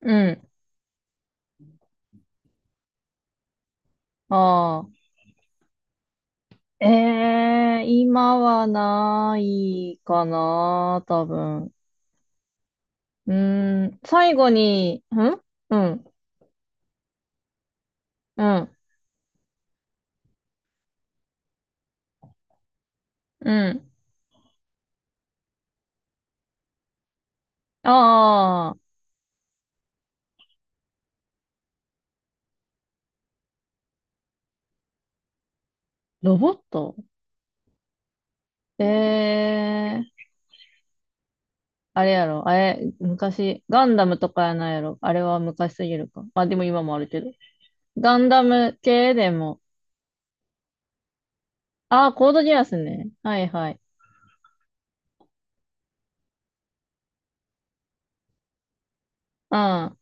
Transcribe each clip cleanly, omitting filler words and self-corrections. うん。ああ。え今はないかな、多分。うん、最後に、うん、うん、うん。ああ、ロボット。ええあれやろ、あれ、昔、ガンダムとかやないやろ。あれは昔すぎるか。あ、でも今もあるけど。ガンダム系でも、ああ、コードギアスね。はいはい。うん。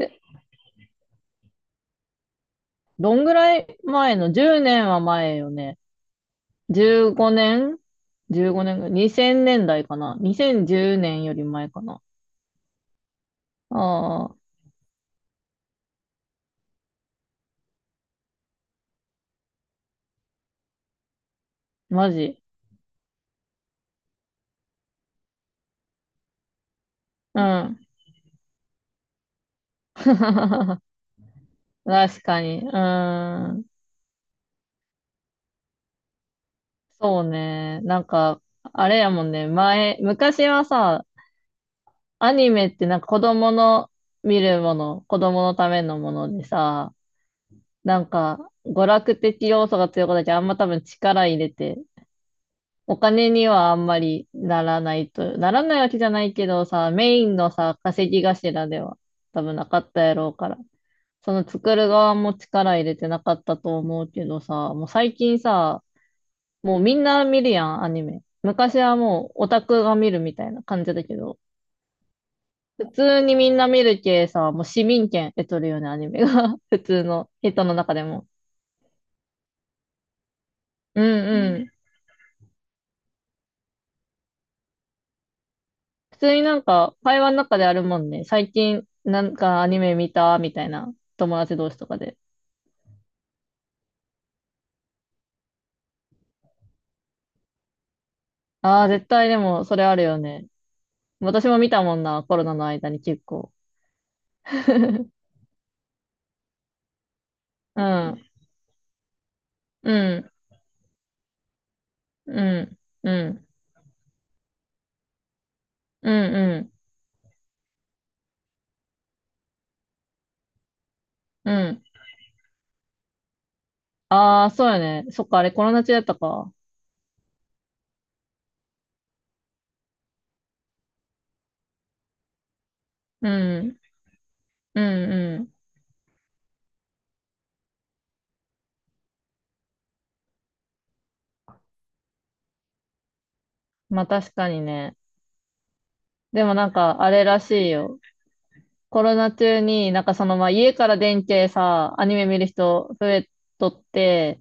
で、どんぐらい前の？ 10 年は前よね。15年？ 15 年ぐらい。2000年代かな。2010年より前かな。ああ、マジ。うん。確かに。うーん。そうね。あれやもんね。前、昔はさ、アニメってなんか子供の見るもの、子供のためのものでさ、なんか、娯楽的要素が強くなっちゃあんま多分力入れてお金にはあんまりならないと、ならないわけじゃないけどさ、メインのさ、稼ぎ頭では多分なかったやろうから、その作る側も力入れてなかったと思うけどさ、もう最近さ、もうみんな見るやん、アニメ。昔はもうオタクが見るみたいな感じだけど、普通にみんな見るけさ、もう市民権得とるよね、アニメが。普通の人の中でも。うんうん。普通になんか会話の中であるもんね。最近なんかアニメ見たみたいな友達同士とかで。ああ、絶対でもそれあるよね。私も見たもんな、コロナの間に結構。うん、うん、うん、うん、うん、うん、うん。ああ、そうよね。そっか、あれコロナ中だったか。うん、うん、うん。まあ確かにね。でもなんかあれらしいよ。コロナ中に、なんかそのまあ家から電気さ、アニメ見る人増えとって、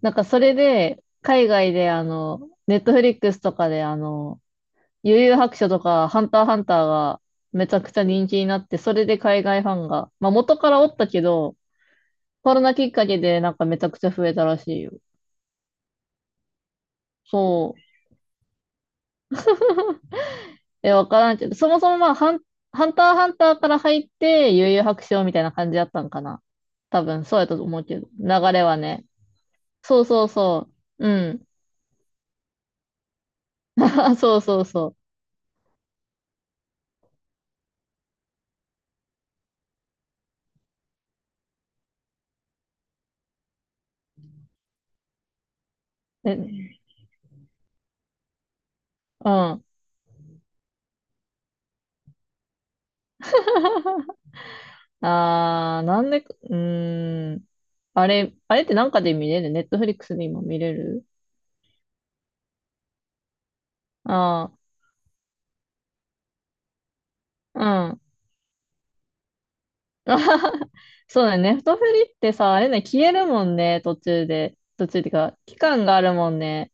なんかそれで、海外でネットフリックスとかで幽遊白書とか、ハンターハンターがめちゃくちゃ人気になって、それで海外ファンが、まあ元からおったけど、コロナきっかけでなんかめちゃくちゃ増えたらしいよ。そう。え、わからんけど、そもそもまあハンターハンターから入って、幽遊白書みたいな感じだったんかな。多分、そうやったと思うけど、流れはね。そうそうそう。うん。あ、そうそうそう。え、うん。ああ、なんで、うーん。あれ、あれってなんかで見れる？ネットフリックスで今見れる？ああ、うん。そうだね。ネットフリってさ、あれね、消えるもんね、途中で。途中っていうか、期間があるもんね。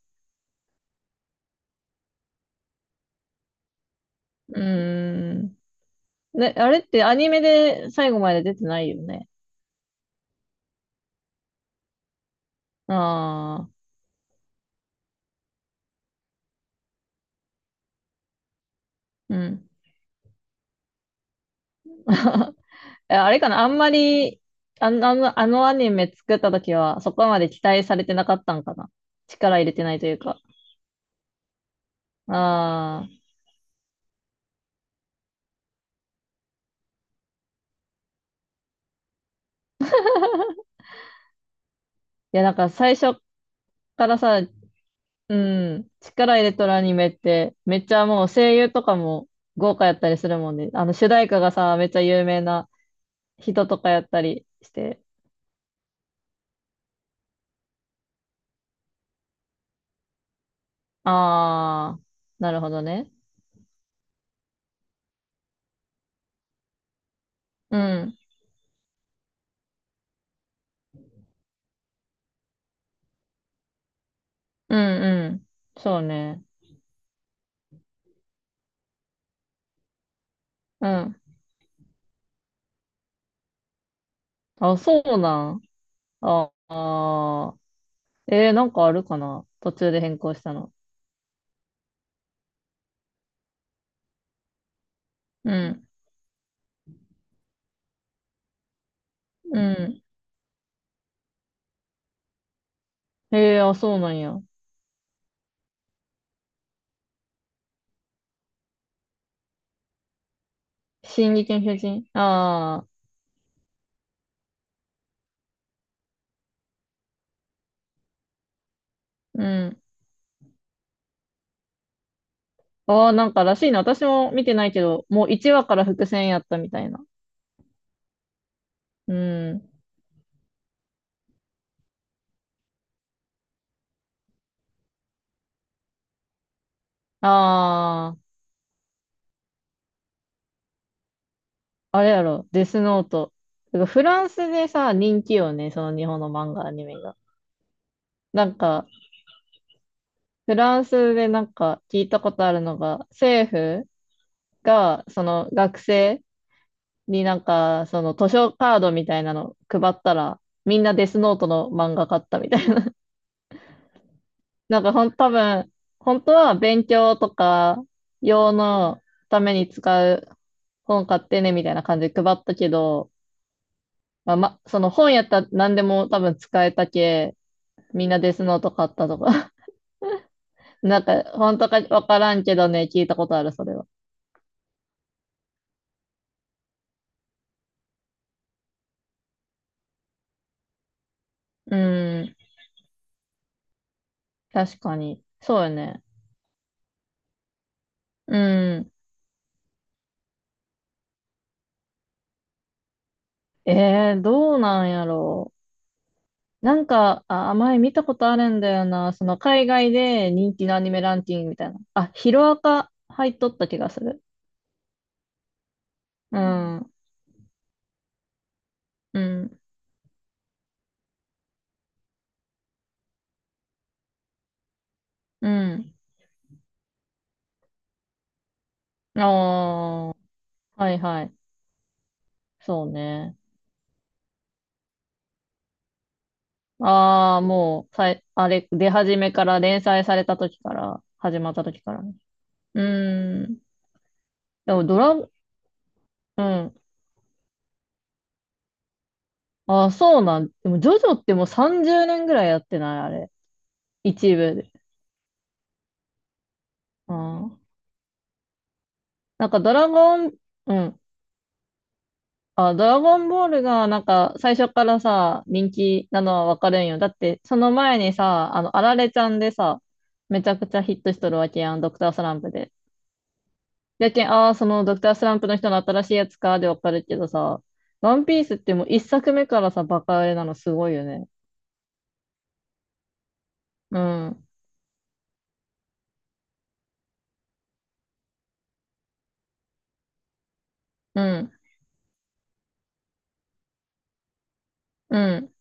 うーん。ね、あれってアニメで最後まで出てないよね。ああ、うん。あれかな、あんまり、あのアニメ作った時は、そこまで期待されてなかったんかな。力入れてないというか。ああ。いや、なんか最初からさ、うん、力入れとるアニメって、めっちゃもう声優とかも豪華やったりするもんね。あの、主題歌がさ、めっちゃ有名な人とかやったりして。ああ、なるほどね。うん、うん、うん。そうね。うん。あ、そうなん。ああ。えー、なんかあるかな途中で変更したの。うん。うん。えー、あ、そうなんや。進撃の巨人。ああ、うん。ああ、なんからしいな。私も見てないけど、もう1話から伏線やったみたいな。うん。ああ、あれやろ。デスノート。てかフランスでさ、人気よね。その日本の漫画、アニメが。なんか、フランスでなんか聞いたことあるのが、政府が、その学生、になんか、その図書カードみたいなの配ったら、みんなデスノートの漫画買ったみたいな。なんかほん、多分、本当は勉強とか用のために使う本買ってねみたいな感じで配ったけど、まあ、ま、その本やったら何でも多分使えたけ、みんなデスノート買ったとか。なんか、本当かわからんけどね、聞いたことある、それは。うん、確かに。そうよね。うん。えー、どうなんやろう。なんか、あ、前見たことあるんだよな。その海外で人気のアニメランキングみたいな。あ、ヒロアカ入っとった気がする。うんうん、うん。ああ、はいはい。そうね。ああ、もう、さい、あれ、出始めから、連載された時から、始まった時からね。うーん。でもドラ、うん。ああ、そうなん。でも、ジョジョってもう30年ぐらいやってない、あれ。一部で。ああ。なんか、ドラゴン、うん。あ、ドラゴンボールがなんか最初からさ、人気なのはわかるんよ。だってその前にさ、あの、あられちゃんでさ、めちゃくちゃヒットしとるわけやん、ドクタースランプで。やけん、ああ、そのドクタースランプの人の新しいやつかでわかるけどさ、ワンピースってもう一作目からさ、バカ売れなのすごいよね。うん、うん、うん。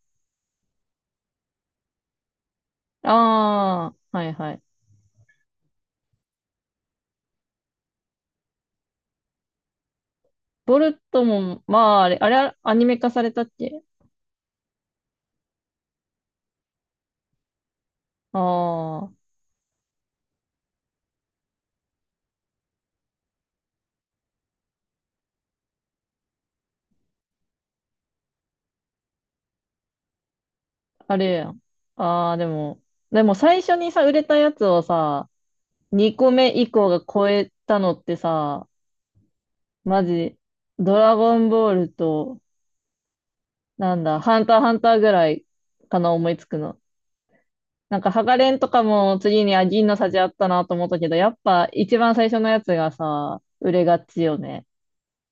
ああ、はいはい。ボルトも、まあ、あれ、あれ、アニメ化されたっけ？ああー。あれやん。ああ、でも、でも最初にさ、売れたやつをさ、2個目以降が超えたのってさ、マジ、ドラゴンボールと、なんだ、ハンターハンターぐらいかな、思いつくの。なんか、ハガレンとかも次に、あ、銀の差じあったなと思ったけど、やっぱ一番最初のやつがさ、売れがちよね。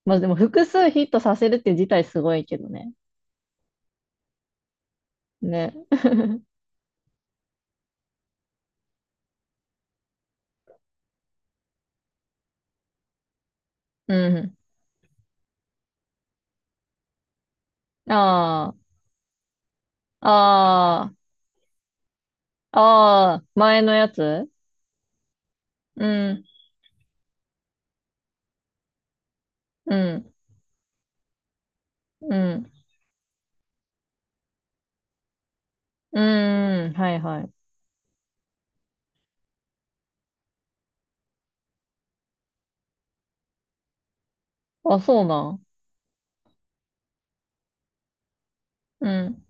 まあでも、複数ヒットさせるって自体すごいけどね。ね。うん。ああ、ああ、ああ、前のやつ。うん。うん、うん、うーん、はいはい。あ、そうなん。うん。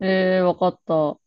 ええー、わかった。